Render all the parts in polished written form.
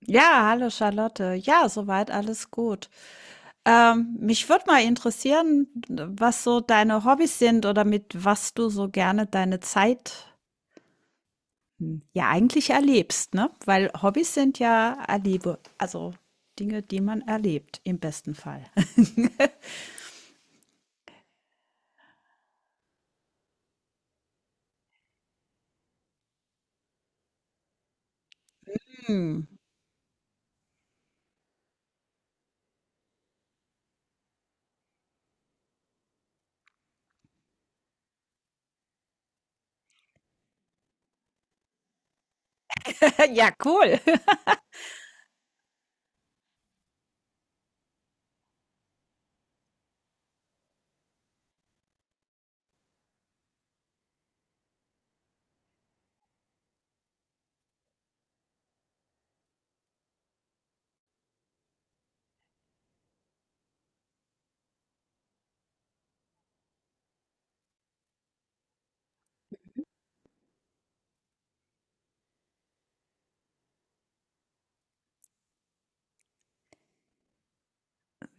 Ja, hallo Charlotte. Ja, soweit alles gut. Mich würde mal interessieren, was so deine Hobbys sind oder mit was du so gerne deine Zeit ja eigentlich erlebst, ne? Weil Hobbys sind ja Erlebe, also Dinge, die man erlebt, im besten Fall. Hm. Ja, cool.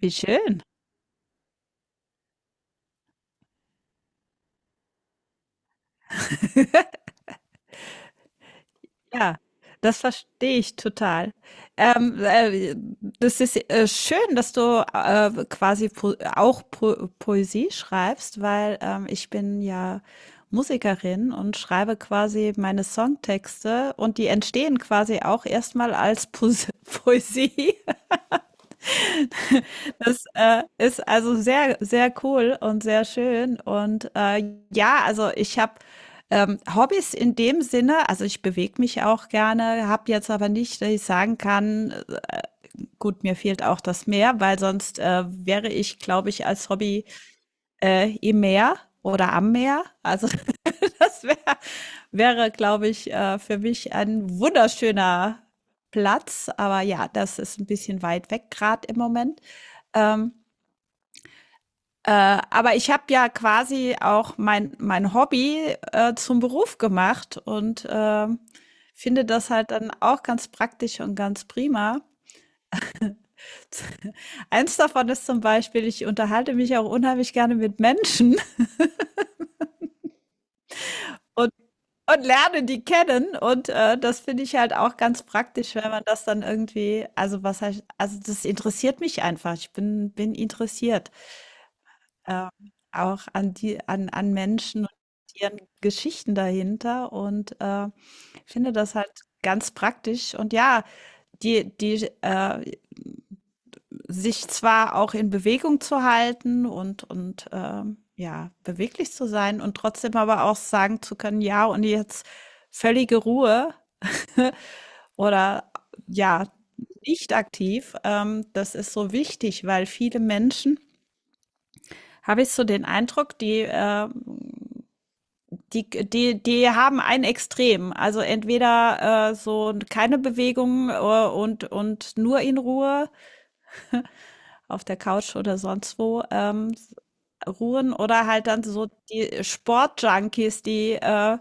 Wie schön. Ja, das verstehe ich total. Ähm, äh, Das ist schön, dass du quasi po auch po Poesie schreibst, weil ich bin ja Musikerin und schreibe quasi meine Songtexte und die entstehen quasi auch erstmal als po Poesie. Das ist also sehr, sehr cool und sehr schön. Und ja, also ich habe Hobbys in dem Sinne, also ich bewege mich auch gerne, habe jetzt aber nicht, dass ich sagen kann, gut, mir fehlt auch das Meer, weil sonst wäre ich, glaube ich, als Hobby im Meer oder am Meer. Also das wäre, glaube ich, für mich ein wunderschöner Platz. Aber ja, das ist ein bisschen weit weg gerade im Moment. Ähm, aber ich habe ja quasi auch mein Hobby zum Beruf gemacht und finde das halt dann auch ganz praktisch und ganz prima. Eins davon ist zum Beispiel, ich unterhalte mich auch unheimlich gerne mit Menschen und, und, lerne die kennen. Und das finde ich halt auch ganz praktisch, wenn man das dann irgendwie, also was heißt, also das interessiert mich einfach. Ich bin interessiert. Äh, Auch an Menschen und ihren Geschichten dahinter. Und ich finde das halt ganz praktisch und ja, die sich zwar auch in Bewegung zu halten und ja, beweglich zu sein und trotzdem aber auch sagen zu können: „Ja, und jetzt völlige Ruhe.“ Oder ja, nicht aktiv. Das ist so wichtig, weil viele Menschen, habe ich so den Eindruck, die haben ein Extrem. Also entweder so keine Bewegung und nur in Ruhe, auf der Couch oder sonst wo, ruhen oder halt dann so die Sportjunkies, die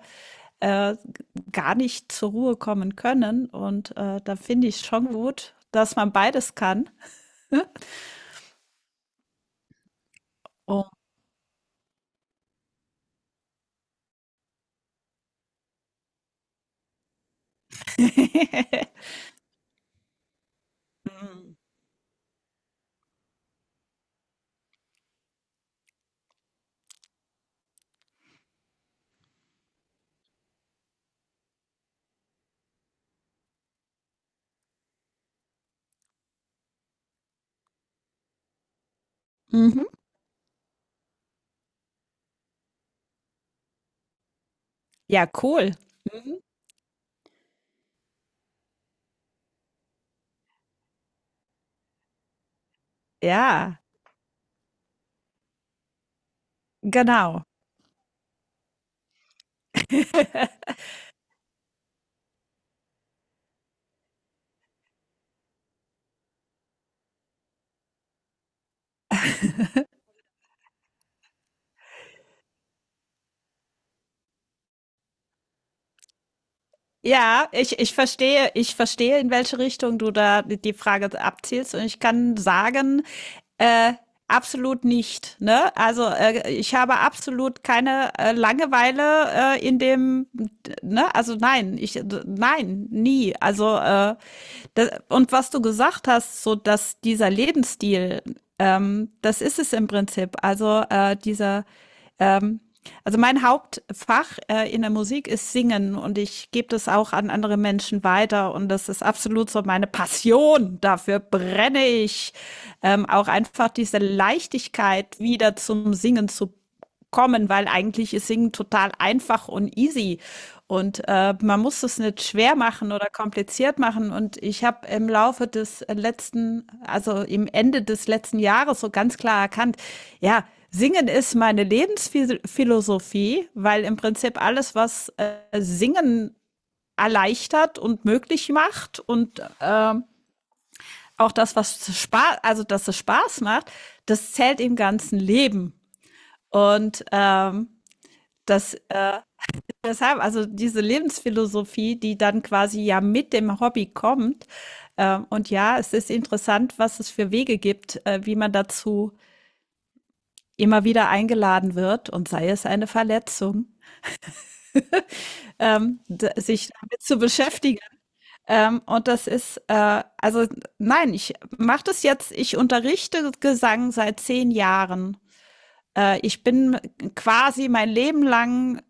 äh, gar nicht zur Ruhe kommen können. Und da finde ich schon gut, dass man beides kann. Oh. Mhm. Ja, cool. Mhm. Ja, genau. Ja, ich verstehe, in welche Richtung du da die Frage abzielst. Und ich kann sagen, äh, absolut nicht. Ne? Also ich habe absolut keine Langeweile in dem, ne? Also nein, ich, nein, nie. Das, und was du gesagt hast, so, dass dieser Lebensstil, das ist es im Prinzip. Also dieser, ähm, also mein Hauptfach in der Musik ist Singen und ich gebe das auch an andere Menschen weiter und das ist absolut so meine Passion. Dafür brenne ich. Auch einfach diese Leichtigkeit wieder zum Singen zu kommen, weil eigentlich ist Singen total einfach und easy. Und man muss es nicht schwer machen oder kompliziert machen. Und ich habe im Laufe des letzten, also im Ende des letzten Jahres so ganz klar erkannt, ja, Singen ist meine Lebensphilosophie, weil im Prinzip alles, was Singen erleichtert und möglich macht und auch das, was Spaß, also dass es Spaß macht, das zählt im ganzen Leben. Und das, äh deshalb, also diese Lebensphilosophie, die dann quasi ja mit dem Hobby kommt. Und ja, es ist interessant, was es für Wege gibt, wie man dazu immer wieder eingeladen wird und sei es eine Verletzung, sich damit zu beschäftigen. Und das ist, also nein, ich mache das jetzt, ich unterrichte Gesang seit 10 Jahren. Ich bin quasi mein Leben lang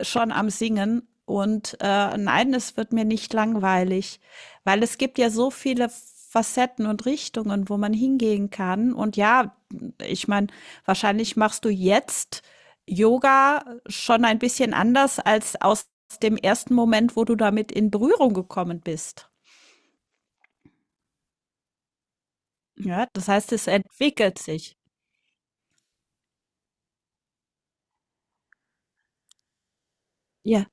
schon am Singen. Und nein, es wird mir nicht langweilig, weil es gibt ja so viele Facetten und Richtungen, wo man hingehen kann. Und ja, ich meine, wahrscheinlich machst du jetzt Yoga schon ein bisschen anders als aus dem ersten Moment, wo du damit in Berührung gekommen bist. Ja, das heißt, es entwickelt sich. Ja,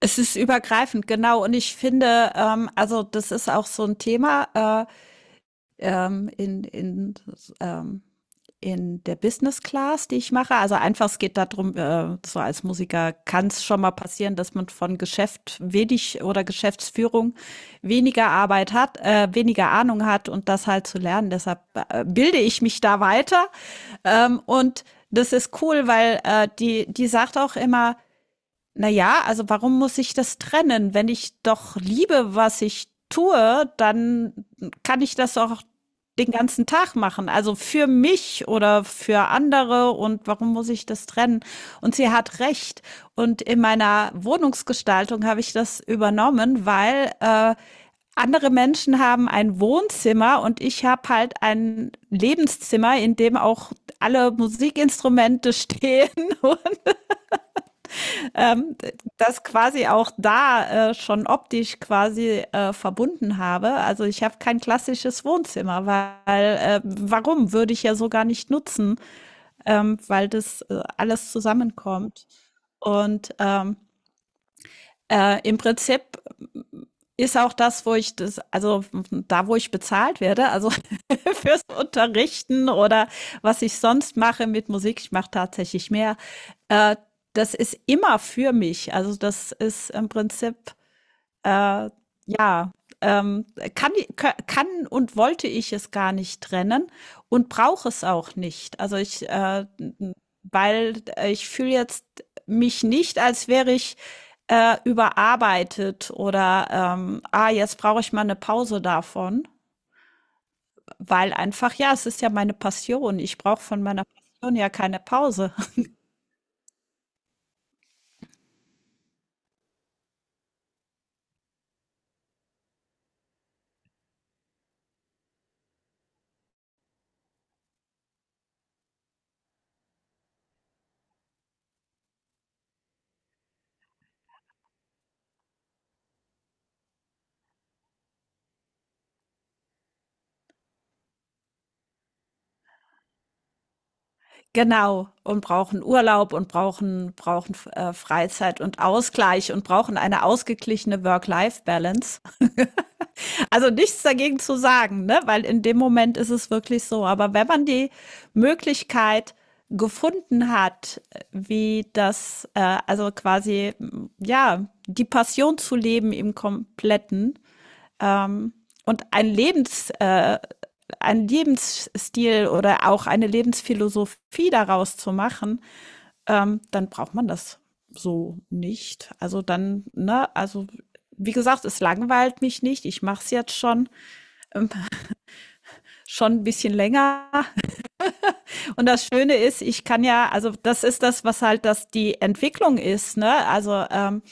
es ist übergreifend, genau. Und ich finde, also das ist auch so ein Thema. Ähm, in, in, ähm, in der Business Class, die ich mache. Also einfach, es geht darum, so als Musiker kann es schon mal passieren, dass man von Geschäft wenig oder Geschäftsführung weniger Arbeit hat, weniger Ahnung hat und das halt zu lernen. Deshalb bilde ich mich da weiter. Und das ist cool, weil die sagt auch immer, na ja, also warum muss ich das trennen? Wenn ich doch liebe, was ich tue, dann kann ich das auch den ganzen Tag machen. Also für mich oder für andere und warum muss ich das trennen? Und sie hat recht. Und in meiner Wohnungsgestaltung habe ich das übernommen, weil andere Menschen haben ein Wohnzimmer und ich habe halt ein Lebenszimmer, in dem auch alle Musikinstrumente stehen, das quasi auch da schon optisch quasi verbunden habe. Also ich habe kein klassisches Wohnzimmer, weil warum würde ich ja so gar nicht nutzen, weil das alles zusammenkommt. Und im Prinzip ist auch das, wo ich das, also da, wo ich bezahlt werde, also fürs Unterrichten oder was ich sonst mache mit Musik, ich mache tatsächlich mehr, äh, das ist immer für mich. Also das ist im Prinzip ähm, kann und wollte ich es gar nicht trennen und brauche es auch nicht. Weil ich fühle jetzt mich nicht, als wäre ich überarbeitet oder jetzt brauche ich mal eine Pause davon, weil einfach, ja, es ist ja meine Passion. Ich brauche von meiner Passion ja keine Pause. Genau. Und brauchen Urlaub und brauchen Freizeit und Ausgleich und brauchen eine ausgeglichene Work-Life-Balance. Also nichts dagegen zu sagen, ne? Weil in dem Moment ist es wirklich so. Aber wenn man die Möglichkeit gefunden hat, wie das, also quasi, ja, die Passion zu leben im Kompletten, ähm, und ein Lebensstil oder auch eine Lebensphilosophie daraus zu machen, dann braucht man das so nicht. Also dann, ne, also wie gesagt, es langweilt mich nicht. Ich mache es jetzt schon ein bisschen länger. Und das Schöne ist, ich kann ja, also das ist das, was halt das die Entwicklung ist. Ne? Also ähm,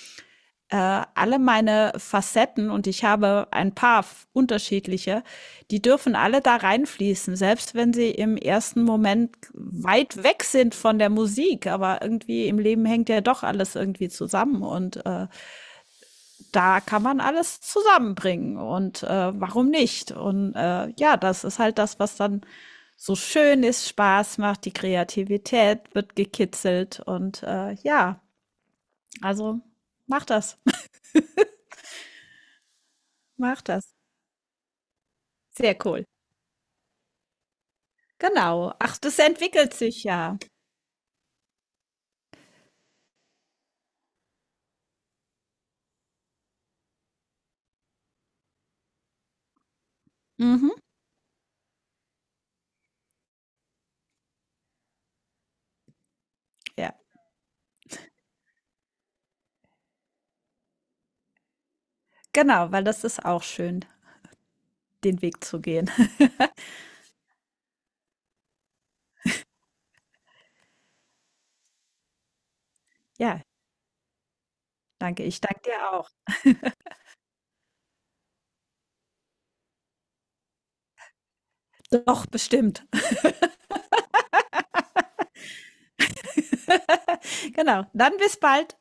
äh, alle meine Facetten und ich habe ein paar unterschiedliche, die dürfen alle da reinfließen, selbst wenn sie im ersten Moment weit weg sind von der Musik. Aber irgendwie im Leben hängt ja doch alles irgendwie zusammen und da kann man alles zusammenbringen und warum nicht? Und ja, das ist halt das, was dann so schön ist, Spaß macht, die Kreativität wird gekitzelt und ja, also mach das. Mach das. Sehr cool. Genau. Ach, das entwickelt sich ja. Mhm. Ja, genau, weil das ist auch schön, den Weg zu gehen. Ja, danke. Ich danke dir auch. Doch, bestimmt. Genau. Dann bis bald.